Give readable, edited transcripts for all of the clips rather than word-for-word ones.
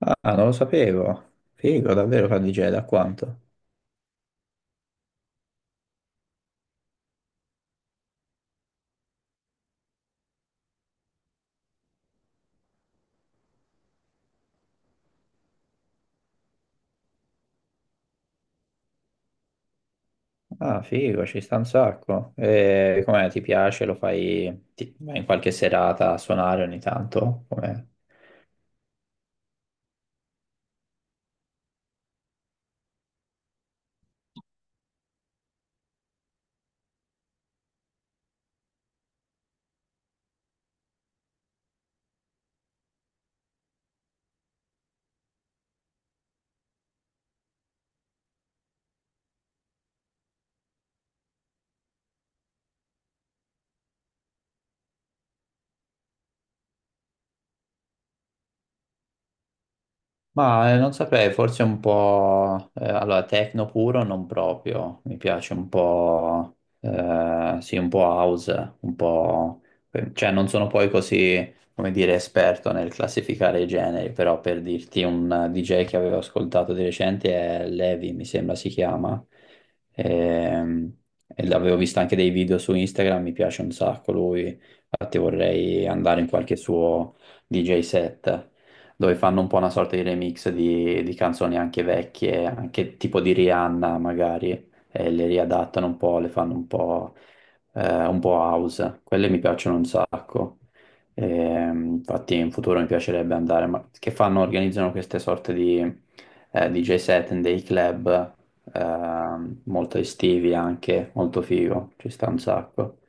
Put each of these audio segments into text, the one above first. Ah, non lo sapevo. Figo, davvero fa DJ da quanto? Ah, figo, ci sta un sacco. E com'è, ti piace? Lo fai vai in qualche serata a suonare ogni tanto? Com'è? Ma non saprei, forse un po'... allora, techno puro non proprio, mi piace un po'... sì, un po' house, un po'... Cioè, non sono poi così, come dire, esperto nel classificare i generi, però per dirti un DJ che avevo ascoltato di recente è Levi, mi sembra si chiama, Ehm, e l'avevo visto anche dei video su Instagram, mi piace un sacco lui, infatti vorrei andare in qualche suo DJ set dove fanno un po' una sorta di remix di canzoni anche vecchie, anche tipo di Rihanna magari, e le riadattano un po', le fanno un po' house. Quelle mi piacciono un sacco. Infatti in futuro mi piacerebbe andare, ma che fanno, organizzano queste sorte di DJ set in dei club molto estivi anche, molto figo, ci sta un sacco.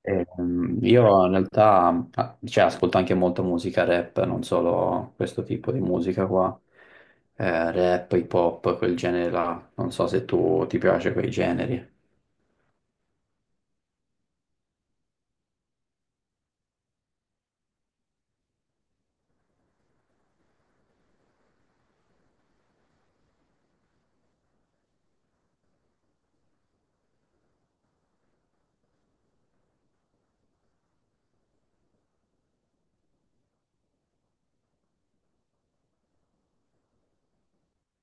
Ehm, io in realtà, ah, cioè, ascolto anche molta musica rap, non solo questo tipo di musica qua. Rap, hip hop, quel genere là. Non so se tu ti piace quei generi.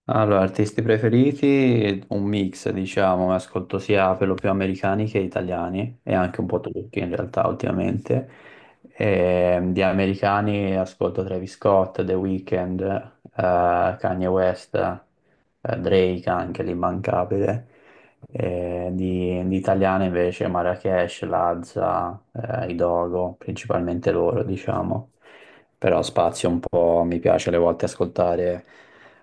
Allora, artisti preferiti, un mix, diciamo, ascolto sia per lo più americani che italiani e anche un po' turchi in realtà ultimamente. E, di americani ascolto Travis Scott, The Weeknd, Kanye West, Drake anche l'immancabile. E di italiani invece Marrakesh, Lazza, i Dogo, principalmente loro, diciamo. Però spazio un po', mi piace alle volte ascoltare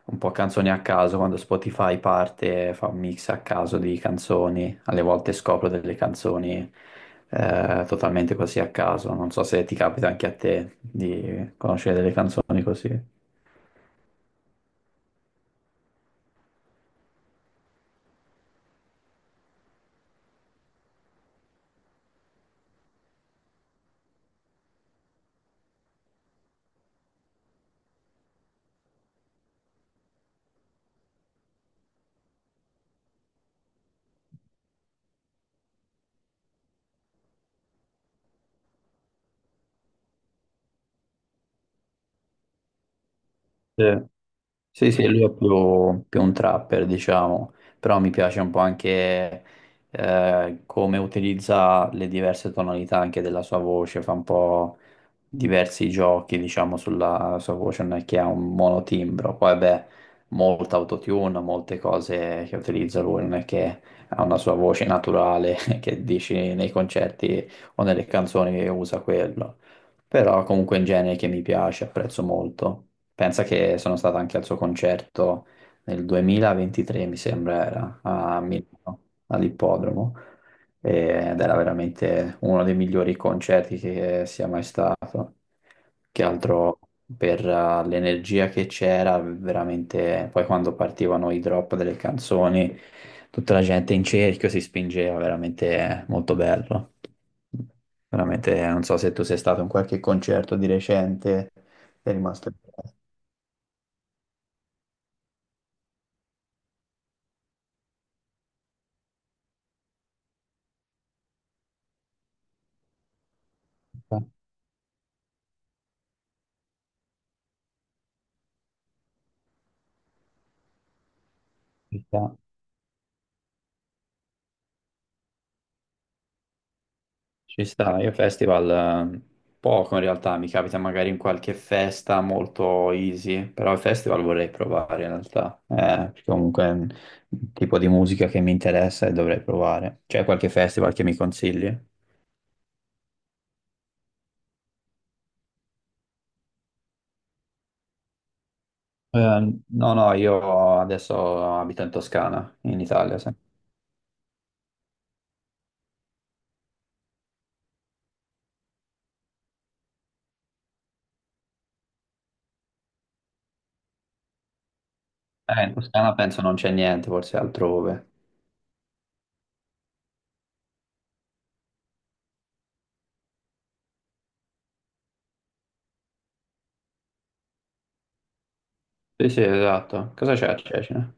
un po' canzoni a caso, quando Spotify parte fa un mix a caso di canzoni, alle volte scopro delle canzoni totalmente così a caso, non so se ti capita anche a te di conoscere delle canzoni così. Sì. Sì, sì, lui è più un trapper, diciamo, però mi piace un po' anche come utilizza le diverse tonalità anche della sua voce, fa un po' diversi giochi, diciamo, sulla sua voce, non è che ha un monotimbro, poi beh, molta autotune, molte cose che utilizza lui, non è che ha una sua voce naturale che dici nei concerti o nelle canzoni che usa quello, però comunque in genere che mi piace, apprezzo molto. Pensa che sono stato anche al suo concerto nel 2023, mi sembra, era a Milano, all'ippodromo, ed era veramente uno dei migliori concerti che sia mai stato. Che altro per l'energia che c'era, veramente, poi quando partivano i drop delle canzoni, tutta la gente in cerchio si spingeva, veramente molto bello. Veramente, non so se tu sei stato in qualche concerto di recente, sei rimasto impresso. Ci sta, ci sta. Io festival eh, poco in realtà, mi capita magari in qualche festa molto easy, però il festival vorrei provare in realtà, perché comunque è un tipo di musica che mi interessa e dovrei provare. C'è qualche festival che mi consigli? No, no, io adesso abito in Toscana, in Italia, sì. In Toscana penso non c'è niente, forse altrove. Sì, sì, esatto. Cosa c'è a Cecina?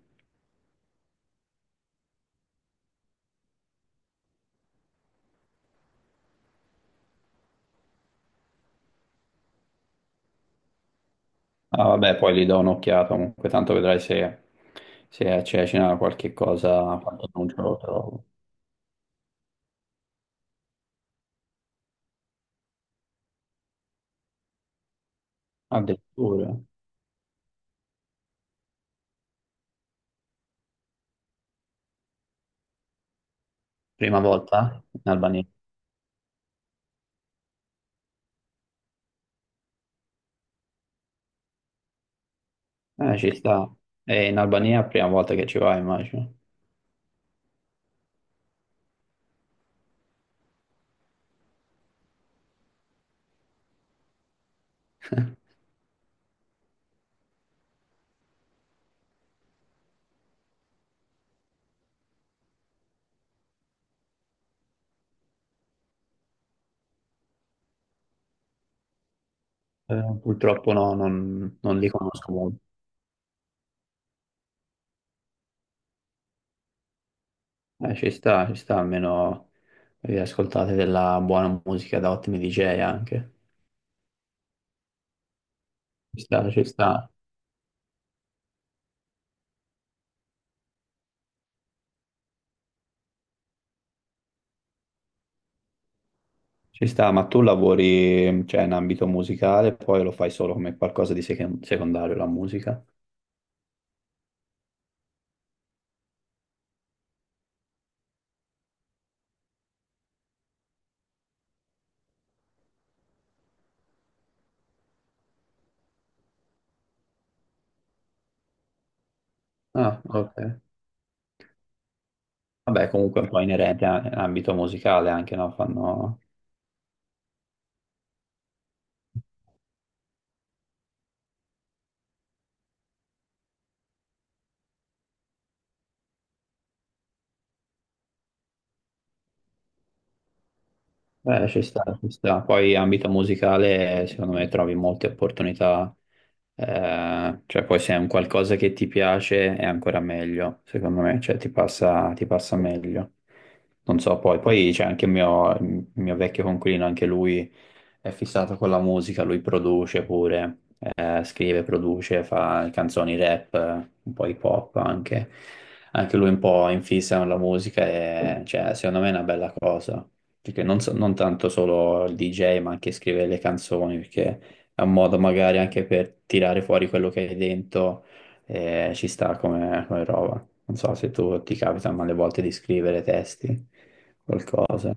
Ah, vabbè, poi gli do un'occhiata comunque, tanto vedrai se, se c'è qualche cosa, qualche annuncio lo trovo. Addirittura, prima volta in Albania. Ci sta. È in Albania è la prima volta che ci vai, immagino. Purtroppo no, non li conosco molto. Ci sta, almeno vi ascoltate della buona musica da ottimi DJ anche. Ci sta, ci sta. Ci sta, ma tu lavori, cioè, in ambito musicale, poi lo fai solo come qualcosa di secondario la musica? Ah, ok. Vabbè, comunque è un po' inerente all'ambito musicale anche, no? Fanno... ci sta, ci sta. Poi ambito musicale, secondo me trovi molte opportunità, cioè poi se è un qualcosa che ti piace è ancora meglio, secondo me, cioè ti ti passa meglio. Non so, poi c'è anche il mio vecchio coinquilino, anche lui è fissato con la musica, lui produce pure, scrive, produce, fa canzoni rap, un po' hip hop anche. Anche lui un po' in fissa con la musica e cioè, secondo me è una bella cosa perché non tanto solo il DJ, ma anche scrivere le canzoni, perché è un modo magari anche per tirare fuori quello che hai dentro e ci sta come, come roba. Non so se tu ti capita, ma alle volte di scrivere testi, qualcosa.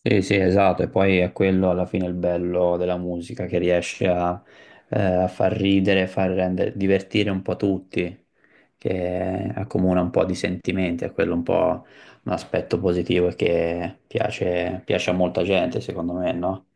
Sì, sì, esatto, e poi è quello alla fine il bello della musica che riesce a, a far ridere, far rendere, divertire un po' tutti, che accomuna un po' di sentimenti, è quello un po' un aspetto positivo e che piace, piace a molta gente, secondo me, no?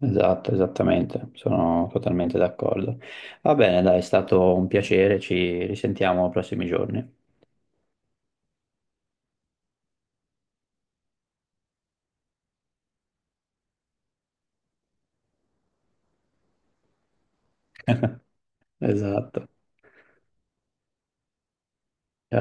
Esatto, esattamente, sono totalmente d'accordo. Va bene, dai, è stato un piacere, ci risentiamo nei prossimi giorni. Esatto. Ciao.